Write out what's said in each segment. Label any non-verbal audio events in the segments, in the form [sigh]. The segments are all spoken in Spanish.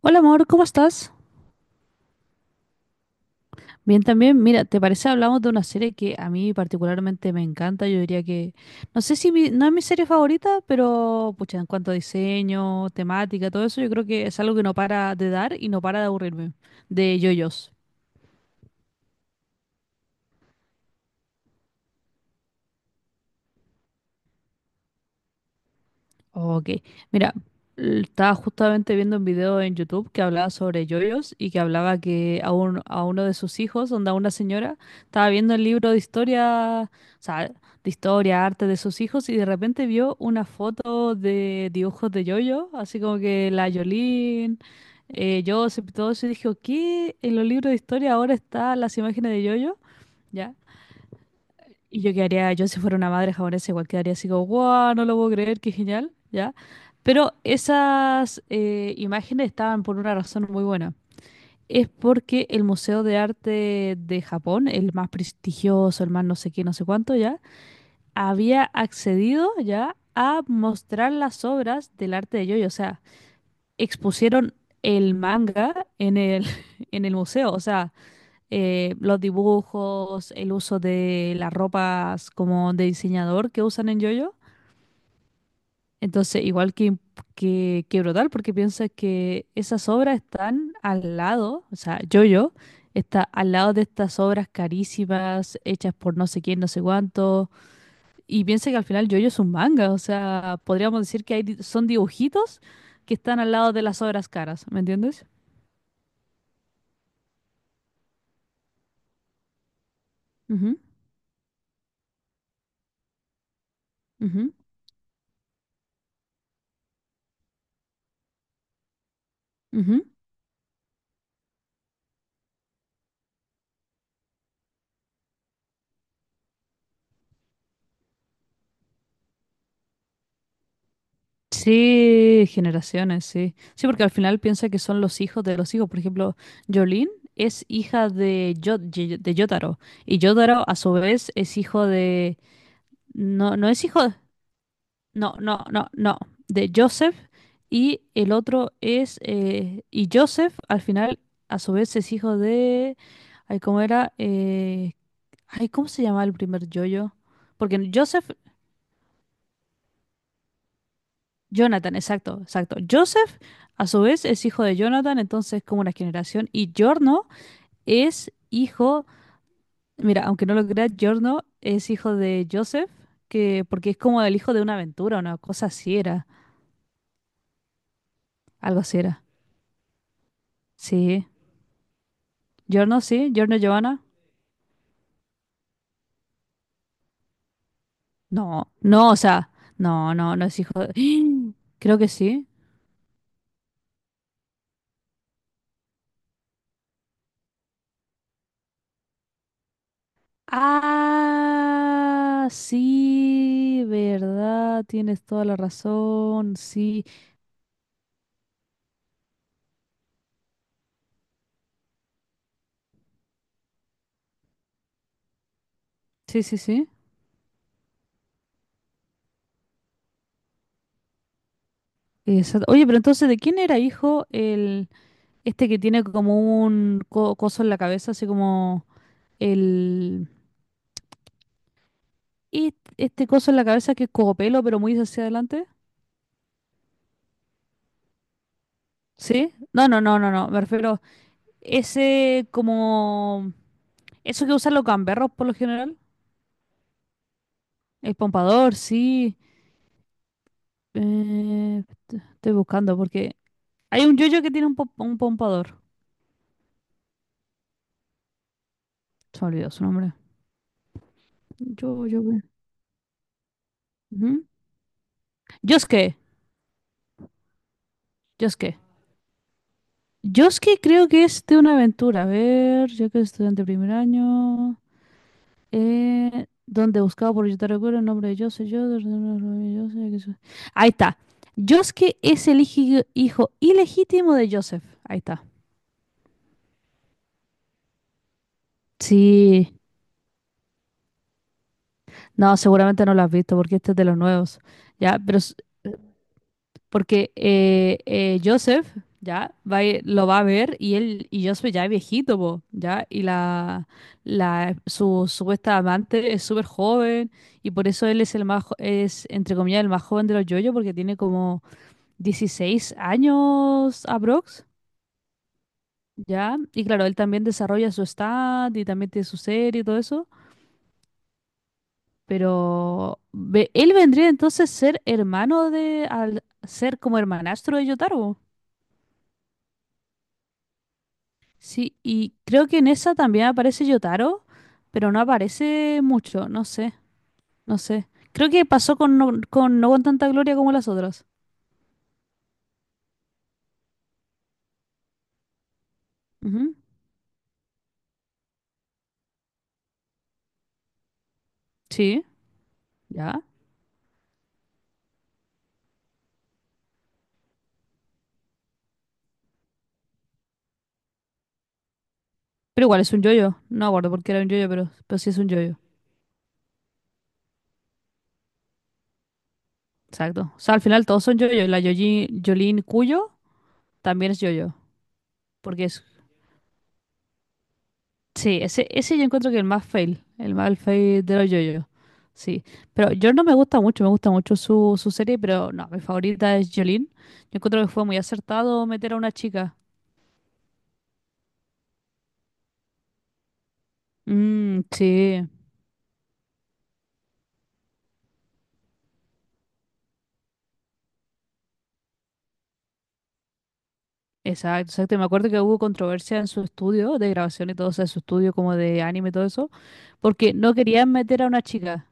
Hola amor, ¿cómo estás? Bien también. Mira, ¿te parece hablamos de una serie que a mí particularmente me encanta? Yo diría que, no sé si no es mi serie favorita, pero pucha, en cuanto a diseño, temática, todo eso, yo creo que es algo que no para de dar y no para de aburrirme. De JoJo's. Ok, mira, estaba justamente viendo un video en YouTube que hablaba sobre yoyos y que hablaba que a uno de sus hijos, donde a una señora, estaba viendo el libro de historia, o sea, de historia, arte de sus hijos y de repente vio una foto de dibujos de yoyo, así como que la Yolín, Joseph y todo eso y dijo, ¿qué? En los libros de historia ahora están las imágenes de yoyo, ¿ya? Y yo quedaría, yo si fuera una madre japonesa, igual quedaría así como, wow, no lo puedo creer, qué genial, ¿ya? Pero esas imágenes estaban por una razón muy buena. Es porque el Museo de Arte de Japón, el más prestigioso, el más no sé qué, no sé cuánto, ¿ya? Había accedido, ¿ya?, a mostrar las obras del arte de Yoyo. O sea, expusieron el manga en el, [laughs] en el museo. O sea, los dibujos, el uso de las ropas como de diseñador que usan en JoJo. Entonces, igual que brutal, porque piensa que esas obras están al lado, o sea, JoJo está al lado de estas obras carísimas, hechas por no sé quién, no sé cuánto, y piensa que al final JoJo es un manga, o sea, podríamos decir que son dibujitos que están al lado de las obras caras, ¿me entiendes? Ujú, ujú, ujú. Sí, generaciones, sí. Sí, porque al final piensa que son los hijos de los hijos. Por ejemplo, Jolene es hija de, de Jotaro. Y Jotaro, a su vez, es hijo de... No, no es hijo... No, no, no, no. De Joseph. Y el otro es... y Joseph, al final, a su vez, es hijo de... Ay, ¿cómo era? Ay, ¿cómo se llama el primer yoyo? Porque Joseph Jonathan, exacto, exacto. Joseph, a su vez, es hijo de Jonathan, entonces como una generación. Y Giorno es hijo, mira, aunque no lo creas, Giorno es hijo de Joseph, que porque es como el hijo de una aventura, una cosa así era, algo así era. Sí, sí, Giorno Giovanna. No, no, o sea, no, no, no es hijo de... [gasps] Creo que sí. Ah, sí, verdad, tienes toda la razón, sí, sí, sí, sí. Exacto. Oye, pero entonces, ¿de quién era hijo el este que tiene como un coso en la cabeza, así como el y este coso en la cabeza que es cogopelo, pero muy hacia adelante? ¿Sí? No, no, no, no, no. Me refiero ese como eso que usan los gamberros por lo general, el pompador, sí. Estoy buscando porque hay un yoyo que tiene un pompador. Se me olvidó su nombre. Yo. Ujú. Yosuke. Yosuke. Yo es que creo que es de una aventura. A ver, yo que soy estudiante de primer año. Donde buscado por yo te recuerdo el nombre de yo soy yo. Ahí está. Yosuke es el hijo ilegítimo de Joseph. Ahí está. Sí. No, seguramente no lo has visto porque este es de los nuevos. Ya. Porque Joseph ya va, lo va a ver y él y Joseph ya es viejito, po, ya, y la su supuesta amante es súper joven y por eso él es es entre comillas el más joven de los yoyos porque tiene como 16 años aprox, ya, y claro, él también desarrolla su stand y también tiene su serie y todo eso, él vendría entonces a ser hermano de al ser como hermanastro de Yotaro. Sí, y creo que en esa también aparece Yotaro, pero no aparece mucho, no sé, no sé. Creo que pasó con No, con, No con tanta gloria como las otras. Ujú, sí, ya. Pero igual es un yoyo. No acuerdo por qué era un yoyo, pero sí es un yoyo. Exacto. O sea, al final todos son yoyo. La Yolin Cuyo también es yoyo, porque es. Sí, ese yo encuentro que el más fail de los yoyos. Sí, pero yo no me gusta mucho, me gusta mucho su serie, pero no, mi favorita es Jolene. Yo encuentro que fue muy acertado meter a una chica. Mm, sí, exacto, exacto. Y me acuerdo que hubo controversia en su estudio de grabación y todo, o sea, su estudio como de anime y todo eso, porque no querían meter a una chica.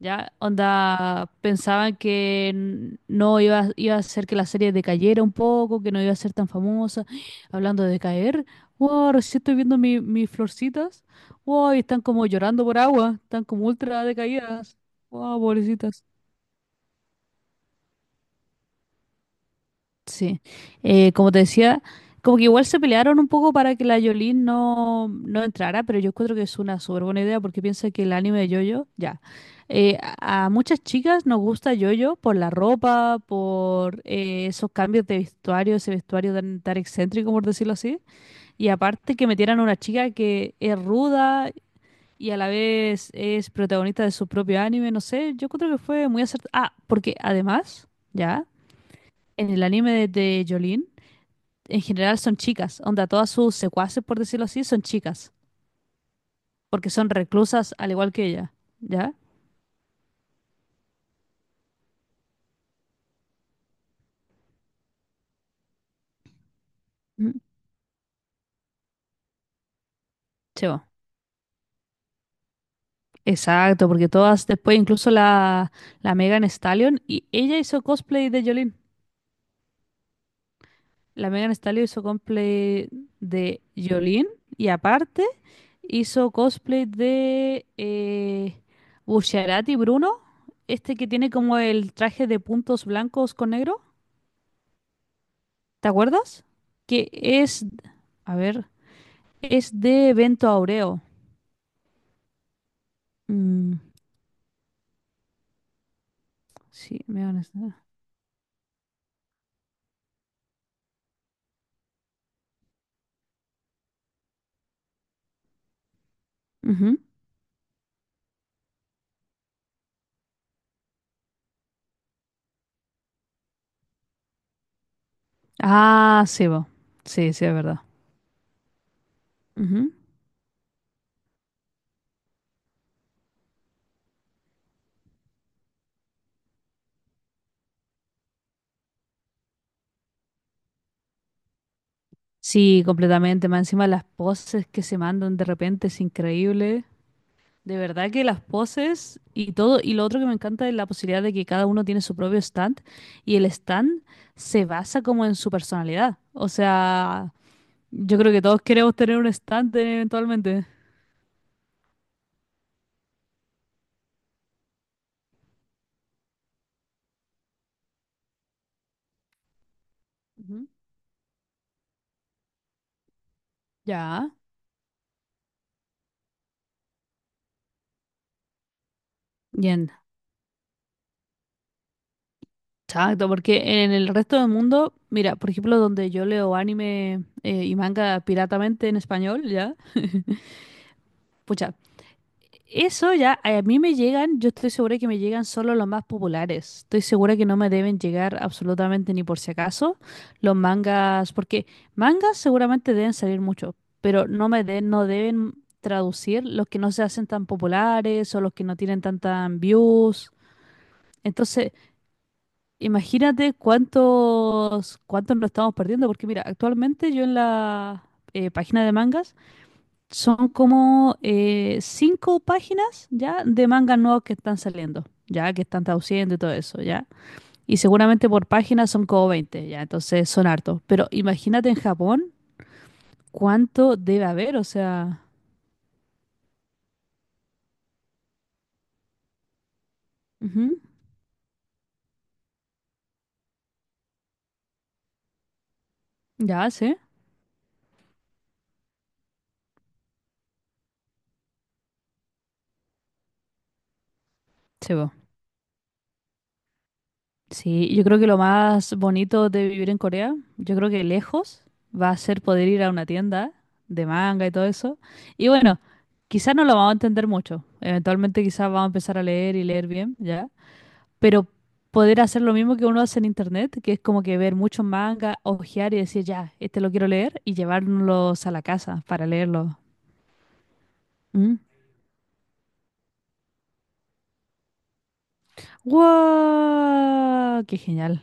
Ya, onda, pensaban que no iba a hacer que la serie decayera un poco, que no iba a ser tan famosa. [gasps] Hablando de caer, wow, recién estoy viendo mis florcitas. Wow, y están como llorando por agua, están como ultra decaídas. Wow, pobrecitas. Sí, como te decía, como que igual se pelearon un poco para que la Yolene no entrara, pero yo encuentro que es una súper buena idea porque piensa que el anime de JoJo, ya, a muchas chicas nos gusta JoJo por la ropa, por esos cambios de vestuario, ese vestuario tan, tan excéntrico, por decirlo así, y aparte que metieran a una chica que es ruda y a la vez es protagonista de su propio anime, no sé, yo creo que fue muy acertado. Ah, porque además, ya, en el anime de, Yolene, en general son chicas, onda, todas sus secuaces, por decirlo así, son chicas, porque son reclusas al igual que ella, ¿ya? Mm. Chevo. Exacto, porque todas, después incluso la Megan Stallion, y ella hizo cosplay de Jolene. La Megan Stallion hizo cosplay de Jolene, y aparte hizo cosplay de Bucciarati Bruno, este que tiene como el traje de puntos blancos con negro, ¿te acuerdas? Que es, a ver. Es de Evento Aureo. Mm, sí, me van a estar. Ujú. Ah, sí, bo. Sí, sí, es verdad. Ujú. Sí, completamente. Más encima las poses que se mandan de repente es increíble. De verdad que las poses y todo. Y lo otro que me encanta es la posibilidad de que cada uno tiene su propio stand y el stand se basa como en su personalidad. O sea, yo creo que todos queremos tener un stand eventualmente. Ujú. Ya. Bien, exacto, porque en el resto del mundo, mira, por ejemplo, donde yo leo anime y manga piratamente en español, ¿ya? [laughs] Pucha, eso ya a mí me llegan, yo estoy segura que me llegan solo los más populares. Estoy segura que no me deben llegar absolutamente ni por si acaso los mangas, porque mangas seguramente deben salir mucho, pero no deben traducir los que no se hacen tan populares o los que no tienen tantas views. Entonces imagínate cuántos, cuántos nos estamos perdiendo, porque mira, actualmente yo en la página de mangas son como 5 páginas ya de mangas nuevos que están saliendo, ya que están traduciendo y todo eso, ya. Y seguramente por página son como 20, ya, entonces son hartos. Pero imagínate en Japón cuánto debe haber, o sea, ujú, ya sé. Sí, yo creo que lo más bonito de vivir en Corea, yo creo que lejos va a ser poder ir a una tienda de manga y todo eso. Y bueno, quizás no lo vamos a entender mucho. Eventualmente quizás vamos a empezar a leer y leer bien, ¿ya? Pero poder hacer lo mismo que uno hace en internet, que es como que ver muchos mangas, hojear y decir, ya, este lo quiero leer y llevárnoslos a la casa para leerlo. ¿Mm? ¡Wow! ¡Qué genial!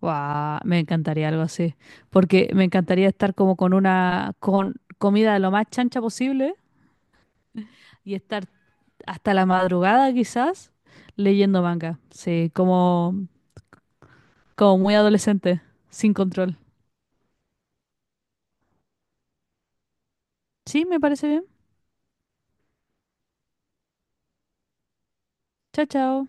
Guau, me encantaría algo así, porque me encantaría estar como con una con comida lo más chancha posible y estar hasta la madrugada quizás leyendo manga. Sí, como muy adolescente, sin control. Sí, me parece bien. Chao, chao.